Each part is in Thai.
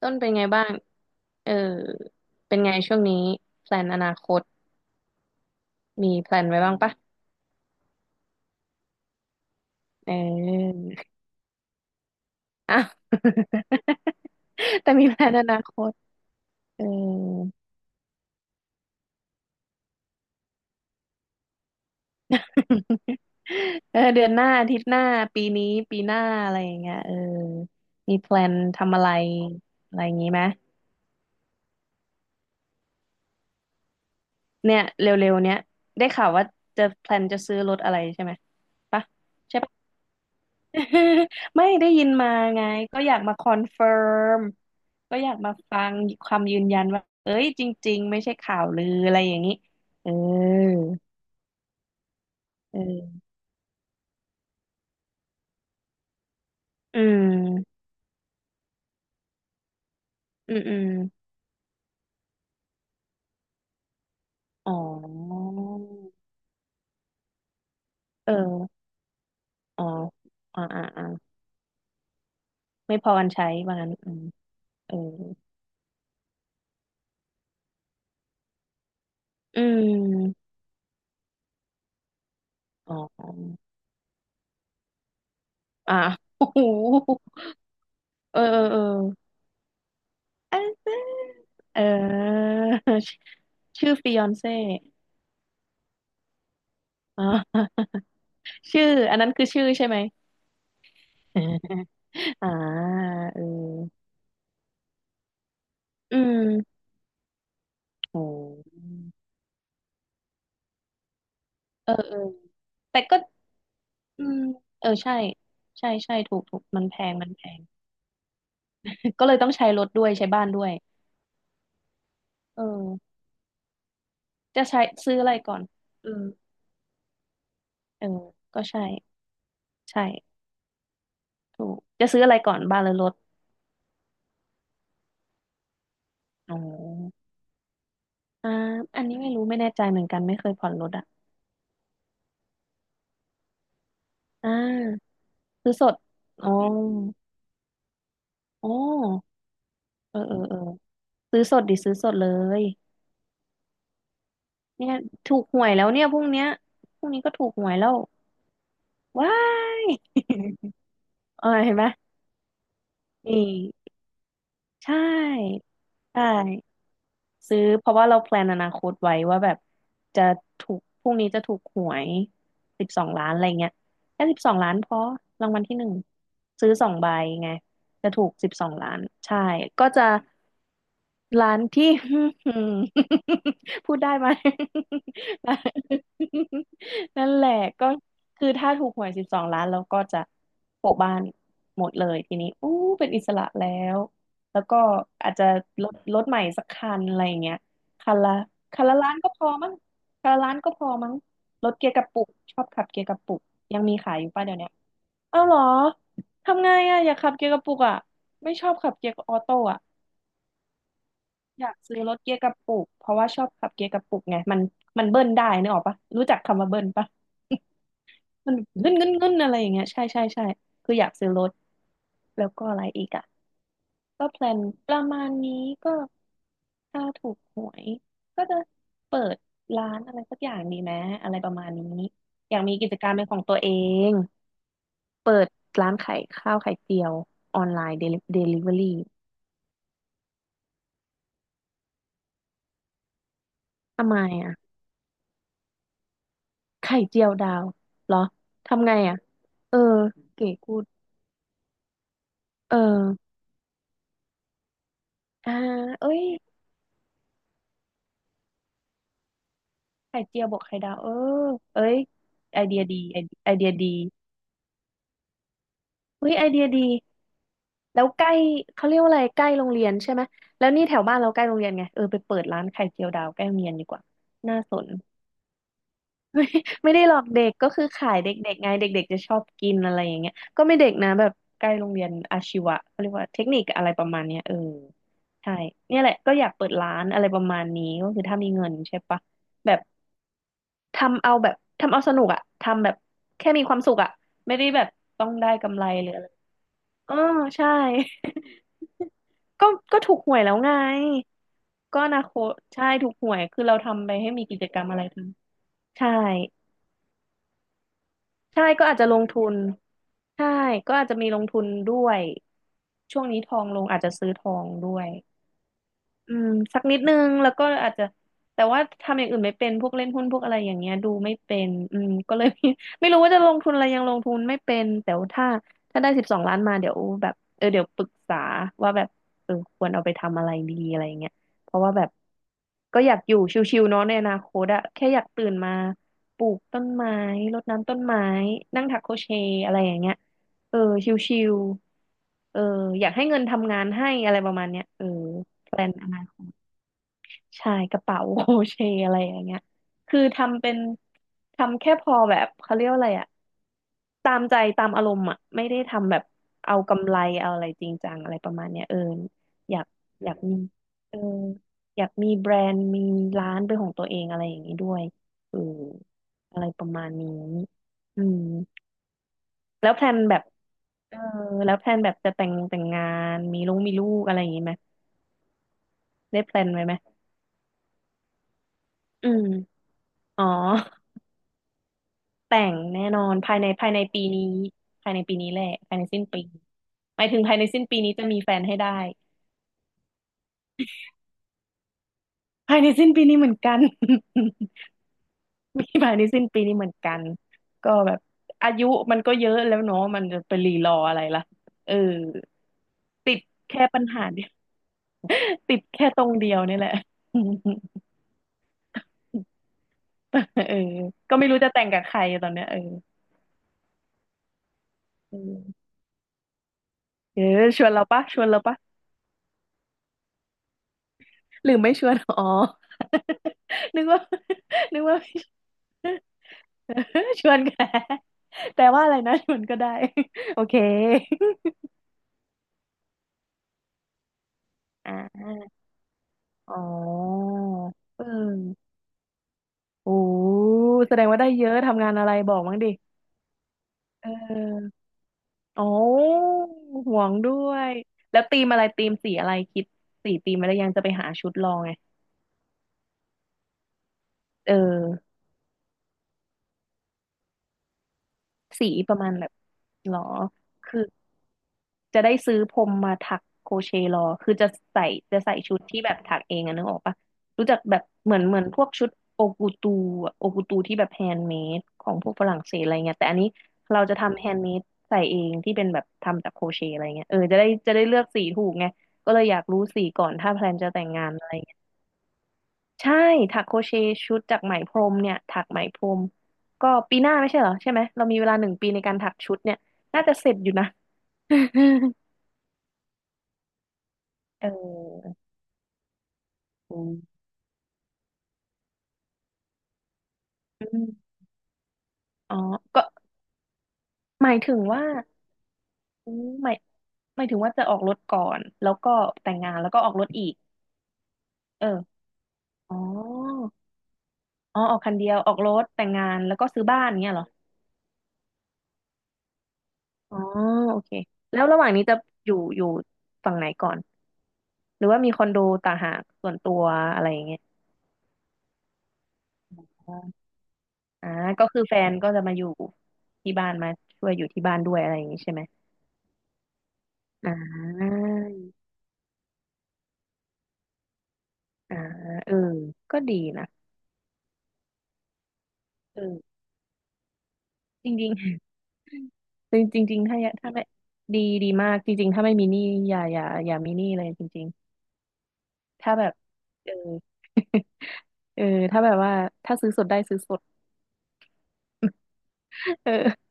ต้นเป็นไงบ้างเออเป็นไงช่วงนี้แพลนอนาคต มีแพลนไว้บ้างปะเออ อ้าว แต่มีแพลนอนาคตเออ เออเดือนหน้าอาทิตย์หน้าปีนี้ปีหน้าอะไรอย่างเงี้ยเออมีแพลนทำอะไรอะไรอย่างงี้ไหมเนี่ยเร็วๆเนี้ยได้ข่าวว่าจะแพลนจะซื้อรถอะไรใช่ไหมปะใช่ ไม่ได้ยินมาไงก็อยากมาคอนเฟิร์มก็อยากมาฟังความยืนยันว่าเอ้ยจริงๆไม่ใช่ข่าวลืออะไรอย่างนี้เออเอออืมอืมอืมอ๋อเอออ๋ออ๋ออ่าอ่าไม่พอกันใช้ว่างั้นอืมเอออืมอ๋ออ่า โอ้โหเออเออเออเออชื่อฟิยอนเซ่อ๋อ ชื่ออันนั้นคือชื่อใช่ไหม อ่าเอออืมโอ้เออเออแต่ก็อืมเออใช่ ใช่ใช่ถูกถูก มันแพงมันแพง ก็เลยต้องใช้รถด้วยใช้บ้านด้วย เออ จะใช้ซื้ออะไรก่อนอืมเออก็ใช่ใช่ถูก จะซื้ออะไรก่อนบ้านหรือรถอ๋ออ่าอันนี้ไม่รู้ไม่แน่ใจเหมือนกันไม่เคยผ่อนรถอ่ะอ่าซื้อสดอ๋ออ๋อเออเออเออซื้อสดดิซื้อสดเลย เนี่ยถูกหวยแล้วเนี่ยพรุ่งเนี้ยพรุ่งนี้ก็ถูกหวยแล้วว้าย เออเห็นไหมนี่ใช่ใช่ซื้อเพราะว่าเราแพลนอนาคตไว้ว่าแบบจะถูกพรุ่งนี้จะถูกหวยสิบสองล้านอะไรเงี้ยแค่สิบสองล้านพอรางวัลที่หนึ่งซื้อสองใบไงจะถูกสิบสองล้านใช่ก็จะ ร้านที่ พูดได้ไหม นั่นแหละก็คือถ้าถูกหวยสิบสองล้านเราก็จะโปะบ้านหมดเลยทีนี้อู้เป็นอิสระแล้วแล้วก็อาจจะรถรถใหม่สักคันอะไรอย่างเงี้ยคันละคันละล้านก็พอมั้งคันละล้านก็พอมั้งรถเกียร์กระปุกชอบขับเกียร์กระปุกยังมีขายอยู่ป่ะเดี๋ยวเนี้ยเอ้าเหรอทำไงอ่ะอยากขับเกียร์กระปุกอ่ะไม่ชอบขับเกียร์ออโต้อ่ะ อยากซื้อรถเกียร์กระปุกเพราะว่าชอบขับเกียร์กระปุกไงมันเบิ้ลได้นึกออกปะรู้จักคำว่าเบิ้ลปะ มันเงินเงินเงินอะไรอย่างเงี้ยใช่ใช่ใช่คืออยากซื้อรถแล้วก็อะไรอีกอ่ะก็แพลนประมาณนี้ก็ถ้าถูกหวยก็จะเปิดร้านอะไรสักอย่างดีไหมอะไรประมาณนี้อยากมีกิจการเป็นของตัวเองเปิดร้านขายข้าวไข่เจียวออนไลน์เดลิเวอรี่ทำไมอ่ะไข่เจียวดาวเหรอทำไงอ่ะ เออเก๋กูดเอออ่าเอ้ยไข่เจียวบวกไข่ดาวเออเอ้ยไอเดียดีไอไอเดียดีเฮ้ยไอเดียดีแล้วใกล้เขาเรียกว่าอะไรใกล้โรงเรียนใช่ไหมแล้วนี่แถวบ้านเราใกล้โรงเรียนไงเออไปเปิดร้านไข่เจียวดาวใกล้โรงเรียนดีกว่าน่าสน ไม่ไม่ได้หลอกเด็กก็คือขายเด็กๆไงเด็กๆจะชอบกินอะไรอย่างเงี้ยก็ไม่เด็กนะแบบใกล้โรงเรียนอาชีวะเขาเรียกว่าเทคนิคอะไรประมาณเนี้ยเออใช่เนี่ยแหละก็อยากเปิดร้านอะไรประมาณนี้ก็คือถ้ามีเงินใช่ปะแบบ ทำเอาแบบทำเอาสนุกอะทำแบบแค่มีความสุขอะไม่ได้แบบต้องได้กำไรหรืออะไรเออใช่ ก็ก็ถูกหวยแล้วไงก็อนาคตใช่ถูกหวยคือเราทำไปให้มีกิจกรรมอะไรทำใช่ใช่ก็อาจจะลงทุนใช่ก็อาจจะมีลงทุนด้วยช่วงนี้ทองลงอาจจะซื้อทองด้วย อืมสักนิดนึงแล้วก็อาจจะแต่ว่าทำอย่างอื่นไม่เป็นพวกเล่นหุ้นพวกอะไรอย่างเงี้ยดูไม่เป็นอืมก็เลย ไม่รู้ว่าจะลงทุนอะไรยังลงทุนไม่เป็นแต่ว่าถ้าได้สิบสองล้านมาเดี๋ยวแบบเออเดี๋ยวปรึกษาว่าแบบเออควรเอาไปทำอะไรดีอะไรอย่างเงี้ยเพราะว่าแบบก็อยากอยู่ชิวๆเนาะในอนาคตอะแค่อยากตื่นมาปลูกต้นไม้รดน้ำต้นไม้นั่งถักโครเชต์อะไรอย่างเงี้ยเออชิวๆเอออยากให้เงินทำงานให้อะไรประมาณเนี้ยเออแพลน ใช่กระเป๋า โอเชต์อะไรอย่างเงี้ยคือทำเป็นทำแค่พอแบบเขาเรียกว่าอะไรอะตามใจตามอารมณ์อะไม่ได้ทำแบบเอากำไรเอาอะไรจริงจังอะไรประมาณเนี้ยเอออยากอยากมีเอออยากมีแบรนด์มีร้านเป็นของตัวเองอะไรอย่างนี้ด้วยเอออะไรประมาณนี้อืมแล้วแพลนแบบเออแล้วแพลนแบบจะแต่งงานมีลูกอะไรอย่างนี้ไหมได้แพลนไว้ไหมอืมอ๋อ แต่งแน่นอนภายในปีนี้ภายในปีนี้แหละภายในสิ้นปีหมายถึงภายในสิ้นปีนี้จะมีแฟนให้ได้ภายในสิ้นปีนี้เหมือนกัน มีภายในสิ้นปีนี้เหมือนกันก็แบบอายุมันก็เยอะแล้วเนาะมันจะไปรีรออะไรล่ะเออติดแค่ปัญหาเดียว ติดแค่ตรงเดียวนี่แหละ เออก็ไม่รู้จะแต่งกับใครตอนเนี้ยเออเออเออชวนเราปะหรือไม่ชวนอ๋อ นึกว่านึกว่า ชวนแกแต่ว่าอะไรนะชวนก็ได้ โอเค อ่าอ๋อเออโอ้แสดงว่าได้เยอะทำงานอะไรบอกมั้างดิเอออ๋อห่วงด้วยแล้วธีมอะไรธีมสีอะไรคิดสีธีมอะไรยังจะไปหาชุดลองไงเออสีประมาณแบบหรอคือ จะได้ซื้อพรมมาถักโครเชต์รอคือจะใส่จะใส่ชุดที่แบบถักเองอะนึกออกปะรู้จักแบบเหมือนพวกชุดโอกูตูโอกูตูที่แบบแฮนด์เมดของพวกฝรั่งเศสอะไรเงี้ยแต่อันนี้เราจะทำแฮนด์เมดใส่เองที่เป็นแบบทำจากโครเชต์อะไรเงี้ยเออจะได้เลือกสีถูกไงก็เลยอยากรู้สีก่อนถ้าแพลนจะแต่งงานอะไรเงี้ยใช่ถักโครเชต์ชุดจากไหมพรมเนี่ยถักไหมพรมก็ปีหน้าไม่ใช่เหรอใช่ไหมเรามีเวลาหนึ่งปีในการถักชุดเนี่ยน่าจะเสร็จอยู่นะ เออ อืมอมอ๋อ ก็หมายถึงว่าอืมหมายถึงว่าจะออกรถก่อน แล้วก็แต่งงานแล้วก็ออกรถอีกเอออ๋ออ๋อออกคันเดียวออกรถแต่งงานแล้วก็ซื้อบ้านเงี้ยเหรออ๋อโอเคแล้วระหว่างนี้จะอยู่ฝั่งไหนก่อน หรือว่ามีคอนโดต่างหากส่วนตัวอะไรอย่างเงี้ยอ๋ออ่าก็คือแฟนก็จะมาอยู่ที่บ้านมาช่วยอยู่ที่บ้านด้วยอะไรอย่างงี้ใช่ไหมอ่าอ่าเออก็ดีนะเออจริงๆ จริงจริงๆถ้าไม่ดีดีมากจริงๆถ้าไม่มีหนี้อย่ามีหนี้เลยจริงๆถ้าแบบเออ เออถ้าแบบว่าถ้าซื้อสดได้ซื้อสด เออ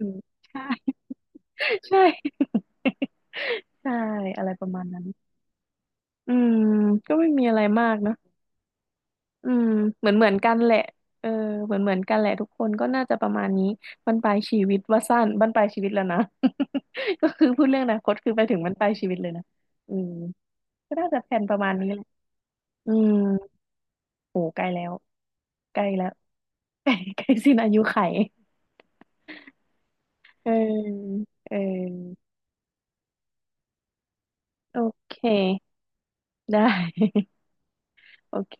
อืมใช่ ใช่ ใช่อะไรประมาณนั้นอืมก็ไม่มีอะไรมากเนอะอืมเหมือนกันแหละเออเหมือนกันแหละทุกคนก็น่าจะประมาณนี้บั้นปลายชีวิตว่าสั้นบั้นปลายชีวิตแล้วนะ ก็คือพูดเรื่องอนาคตคือไปถึงบั้นปลายชีวิตเลยนะอืมก็น่าจะแผนประมาณนี้แหละอืม โอ้ใกล้แล้วใกล้แล้ว ใกล้ใกล้สิ้นอายุไขเออเออโอเคได้ โอเค